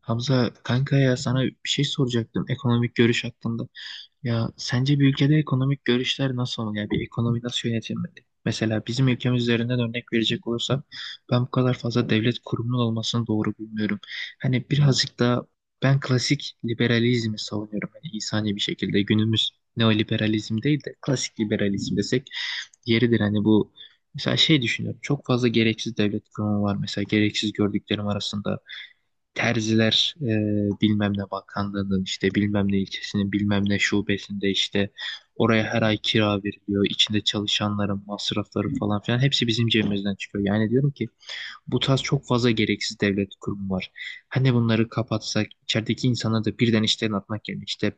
Hamza kanka, ya sana bir şey soracaktım ekonomik görüş hakkında. Ya sence bir ülkede ekonomik görüşler nasıl olmalı? Ya bir ekonomi nasıl yönetilmeli? Mesela bizim ülkemiz üzerinden örnek verecek olursam ben bu kadar fazla devlet kurumunun olmasını doğru bulmuyorum. Hani birazcık daha ben klasik liberalizmi savunuyorum. Hani insani bir şekilde günümüz neoliberalizm değil de klasik liberalizm desek yeridir. Hani bu mesela şey düşünüyorum, çok fazla gereksiz devlet kurumu var. Mesela gereksiz gördüklerim arasında terziler bilmem ne bakanlığının, işte bilmem ne ilçesinin bilmem ne şubesinde, işte oraya her ay kira veriliyor. İçinde çalışanların masrafları falan filan hepsi bizim cebimizden çıkıyor. Yani diyorum ki bu tarz çok fazla gereksiz devlet kurumu var. Hani bunları kapatsak, içerideki insana da birden işten atmak yerine işte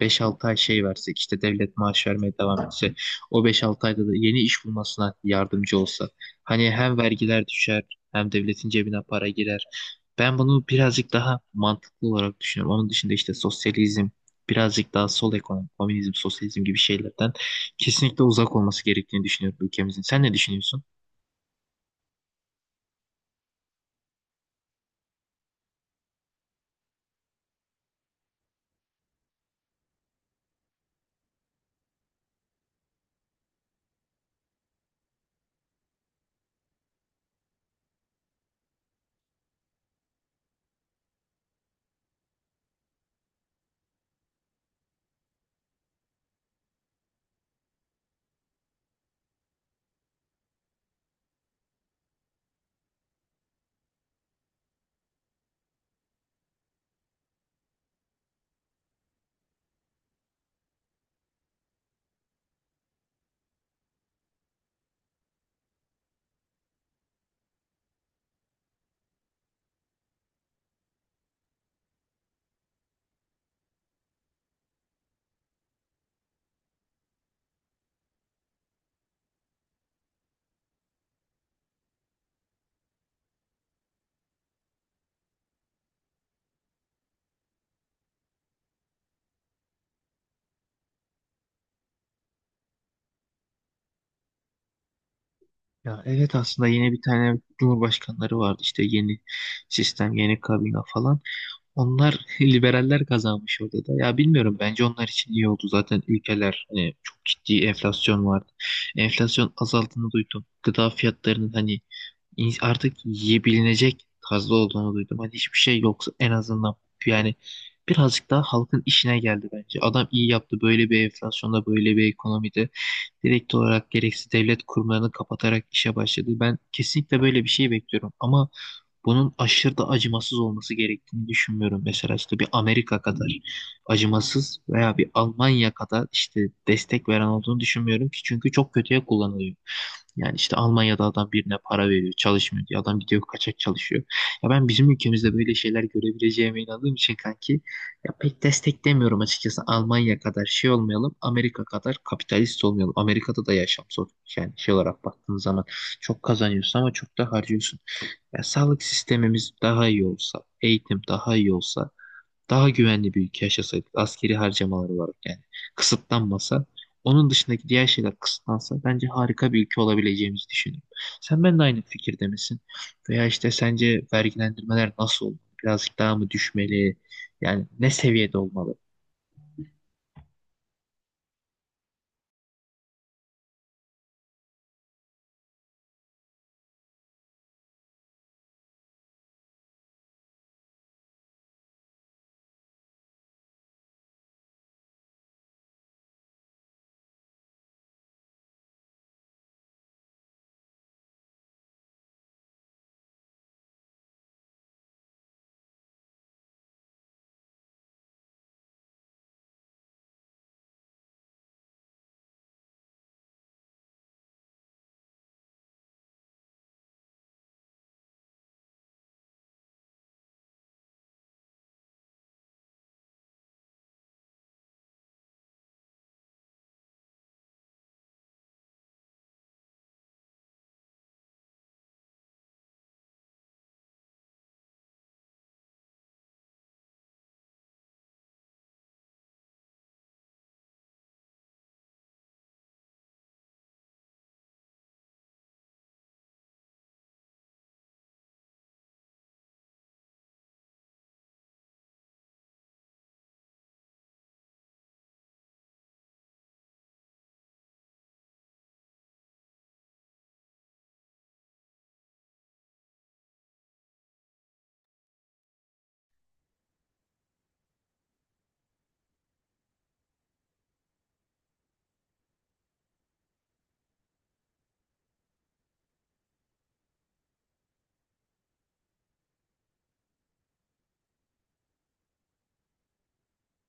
beş-altı ay şey versek, işte devlet maaş vermeye devam etse, o beş-altı ayda da yeni iş bulmasına yardımcı olsa. Hani hem vergiler düşer, hem devletin cebine para girer. Ben bunu birazcık daha mantıklı olarak düşünüyorum. Onun dışında işte sosyalizm, birazcık daha sol ekonomi, komünizm, sosyalizm gibi şeylerden kesinlikle uzak olması gerektiğini düşünüyorum ülkemizin. Sen ne düşünüyorsun? Ya evet, aslında yeni bir tane cumhurbaşkanları vardı, işte yeni sistem, yeni kabine falan. Onlar liberaller kazanmış orada da. Ya bilmiyorum, bence onlar için iyi oldu zaten ülkeler, hani çok ciddi enflasyon vardı. Enflasyon azaldığını duydum. Gıda fiyatlarının hani artık yiyebilinecek tarzda olduğunu duydum. Hani hiçbir şey yoksa en azından yani birazcık daha halkın işine geldi bence. Adam iyi yaptı, böyle bir enflasyonda böyle bir ekonomide direkt olarak gereksiz devlet kurumlarını kapatarak işe başladı. Ben kesinlikle böyle bir şey bekliyorum ama bunun aşırı da acımasız olması gerektiğini düşünmüyorum. Mesela işte bir Amerika kadar acımasız veya bir Almanya kadar işte destek veren olduğunu düşünmüyorum ki, çünkü çok kötüye kullanılıyor. Yani işte Almanya'da adam birine para veriyor, çalışmıyor diyor. Adam gidiyor kaçak çalışıyor. Ya ben bizim ülkemizde böyle şeyler görebileceğime inandığım için kanki, ya pek desteklemiyorum açıkçası. Almanya kadar şey olmayalım, Amerika kadar kapitalist olmayalım. Amerika'da da yaşam zor. Yani şey olarak baktığın zaman çok kazanıyorsun ama çok da harcıyorsun. Ya sağlık sistemimiz daha iyi olsa, eğitim daha iyi olsa, daha güvenli bir ülke yaşasaydık, askeri harcamaları olarak yani kısıtlanmasa, onun dışındaki diğer şeyler kısıtlansa bence harika bir ülke olabileceğimizi düşünüyorum. Sen ben de aynı fikirde misin? Veya işte sence vergilendirmeler nasıl olmalı? Birazcık daha mı düşmeli? Yani ne seviyede olmalı?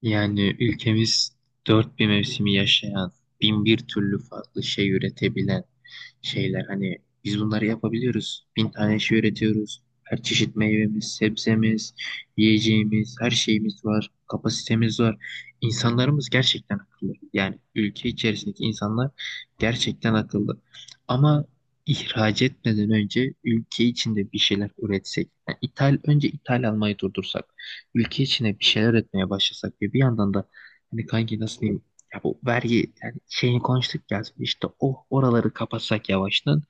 Yani ülkemiz dört bir mevsimi yaşayan, bin bir türlü farklı şey üretebilen şeyler. Hani biz bunları yapabiliyoruz. Bin tane şey üretiyoruz. Her çeşit meyvemiz, sebzemiz, yiyeceğimiz, her şeyimiz var. Kapasitemiz var. İnsanlarımız gerçekten akıllı. Yani ülke içerisindeki insanlar gerçekten akıllı. Ama ihraç etmeden önce ülke içinde bir şeyler üretsek. Yani ithal, önce ithal almayı durdursak, ülke içine bir şeyler üretmeye başlasak ve bir yandan da hani kanki nasıl diyeyim, ya bu vergi yani şeyini konuştuk ya, işte o oraları kapatsak yavaştan,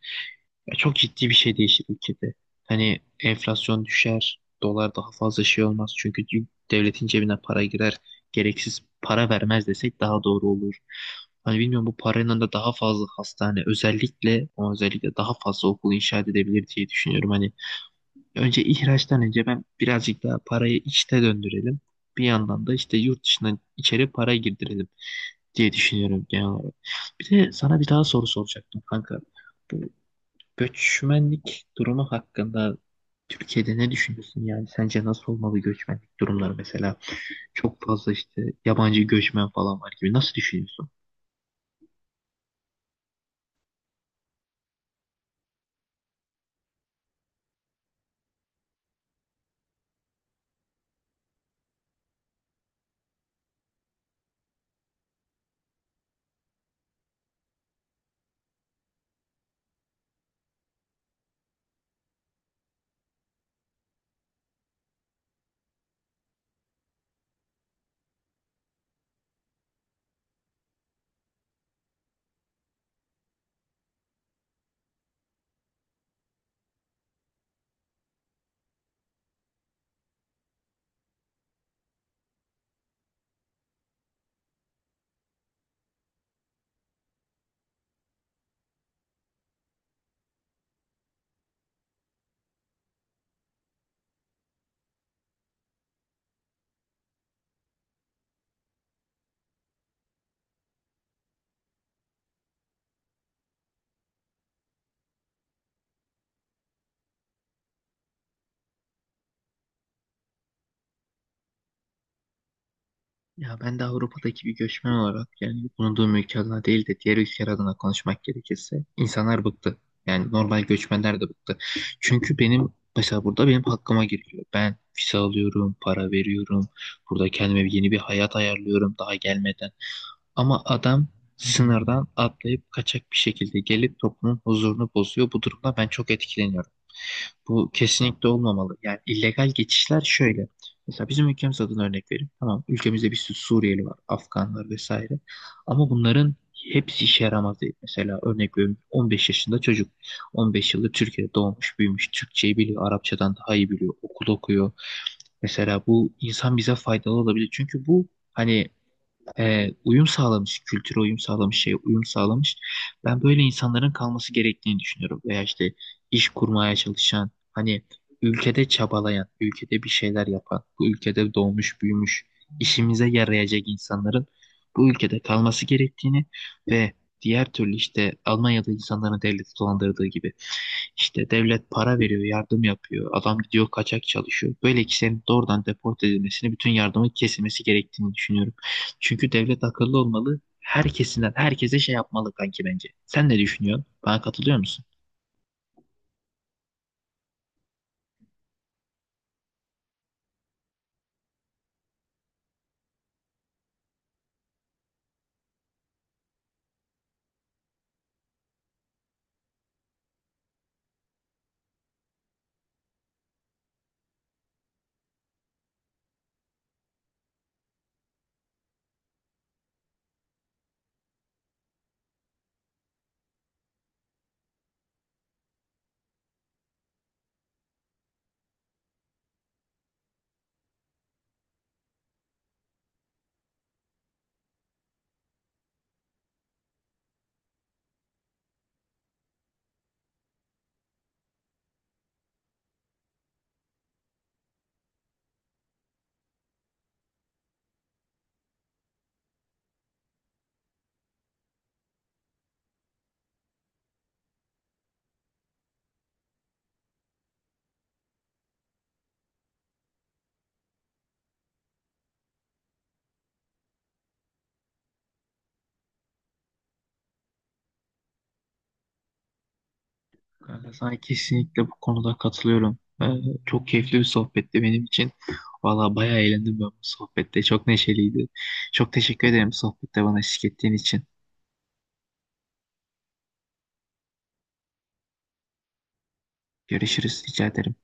ya çok ciddi bir şey değişir ülkede. Hani enflasyon düşer, dolar daha fazla şey olmaz çünkü devletin cebine para girer, gereksiz para vermez desek daha doğru olur. Hani bilmiyorum, bu paranın da daha fazla hastane özellikle o özellikle daha fazla okul inşa edebilir diye düşünüyorum. Hani önce ihraçtan önce ben birazcık daha parayı içte döndürelim. Bir yandan da işte yurt dışından içeri para girdirelim diye düşünüyorum genel olarak. Bir de sana bir daha soru soracaktım kanka. Bu göçmenlik durumu hakkında Türkiye'de ne düşünüyorsun yani? Sence nasıl olmalı göçmenlik durumları mesela? Çok fazla işte yabancı göçmen falan var gibi. Nasıl düşünüyorsun? Ya ben de Avrupa'daki bir göçmen olarak, yani bulunduğum ülke adına değil de diğer ülkeler adına konuşmak gerekirse, insanlar bıktı. Yani normal göçmenler de bıktı. Çünkü benim mesela burada benim hakkıma giriliyor. Ben vize alıyorum, para veriyorum. Burada kendime yeni bir hayat ayarlıyorum daha gelmeden. Ama adam sınırdan atlayıp kaçak bir şekilde gelip toplumun huzurunu bozuyor. Bu durumda ben çok etkileniyorum. Bu kesinlikle olmamalı. Yani illegal geçişler şöyle. Mesela bizim ülkemiz adına örnek vereyim. Tamam, ülkemizde bir sürü Suriyeli var, Afganlar vesaire. Ama bunların hepsi işe yaramaz değil. Mesela örnek veriyorum, 15 yaşında çocuk. 15 yıldır Türkiye'de doğmuş, büyümüş. Türkçeyi biliyor, Arapçadan daha iyi biliyor, okul okuyor. Mesela bu insan bize faydalı olabilir. Çünkü bu hani uyum sağlamış, kültüre uyum sağlamış, şeye uyum sağlamış. Ben böyle insanların kalması gerektiğini düşünüyorum. Veya işte iş kurmaya çalışan, hani ülkede çabalayan, ülkede bir şeyler yapan, bu ülkede doğmuş, büyümüş, işimize yarayacak insanların bu ülkede kalması gerektiğini ve diğer türlü işte Almanya'da insanların devleti dolandırdığı gibi işte devlet para veriyor, yardım yapıyor, adam gidiyor kaçak çalışıyor. Böyle kişilerin doğrudan deport edilmesini, bütün yardımın kesilmesi gerektiğini düşünüyorum. Çünkü devlet akıllı olmalı. Herkesinden herkese şey yapmalı kanki bence. Sen ne düşünüyorsun? Bana katılıyor musun? Kanka sana kesinlikle bu konuda katılıyorum. Çok keyifli bir sohbetti benim için. Valla bayağı eğlendim ben bu sohbette. Çok neşeliydi. Çok teşekkür ederim sohbette bana eşlik ettiğin için. Görüşürüz, rica ederim.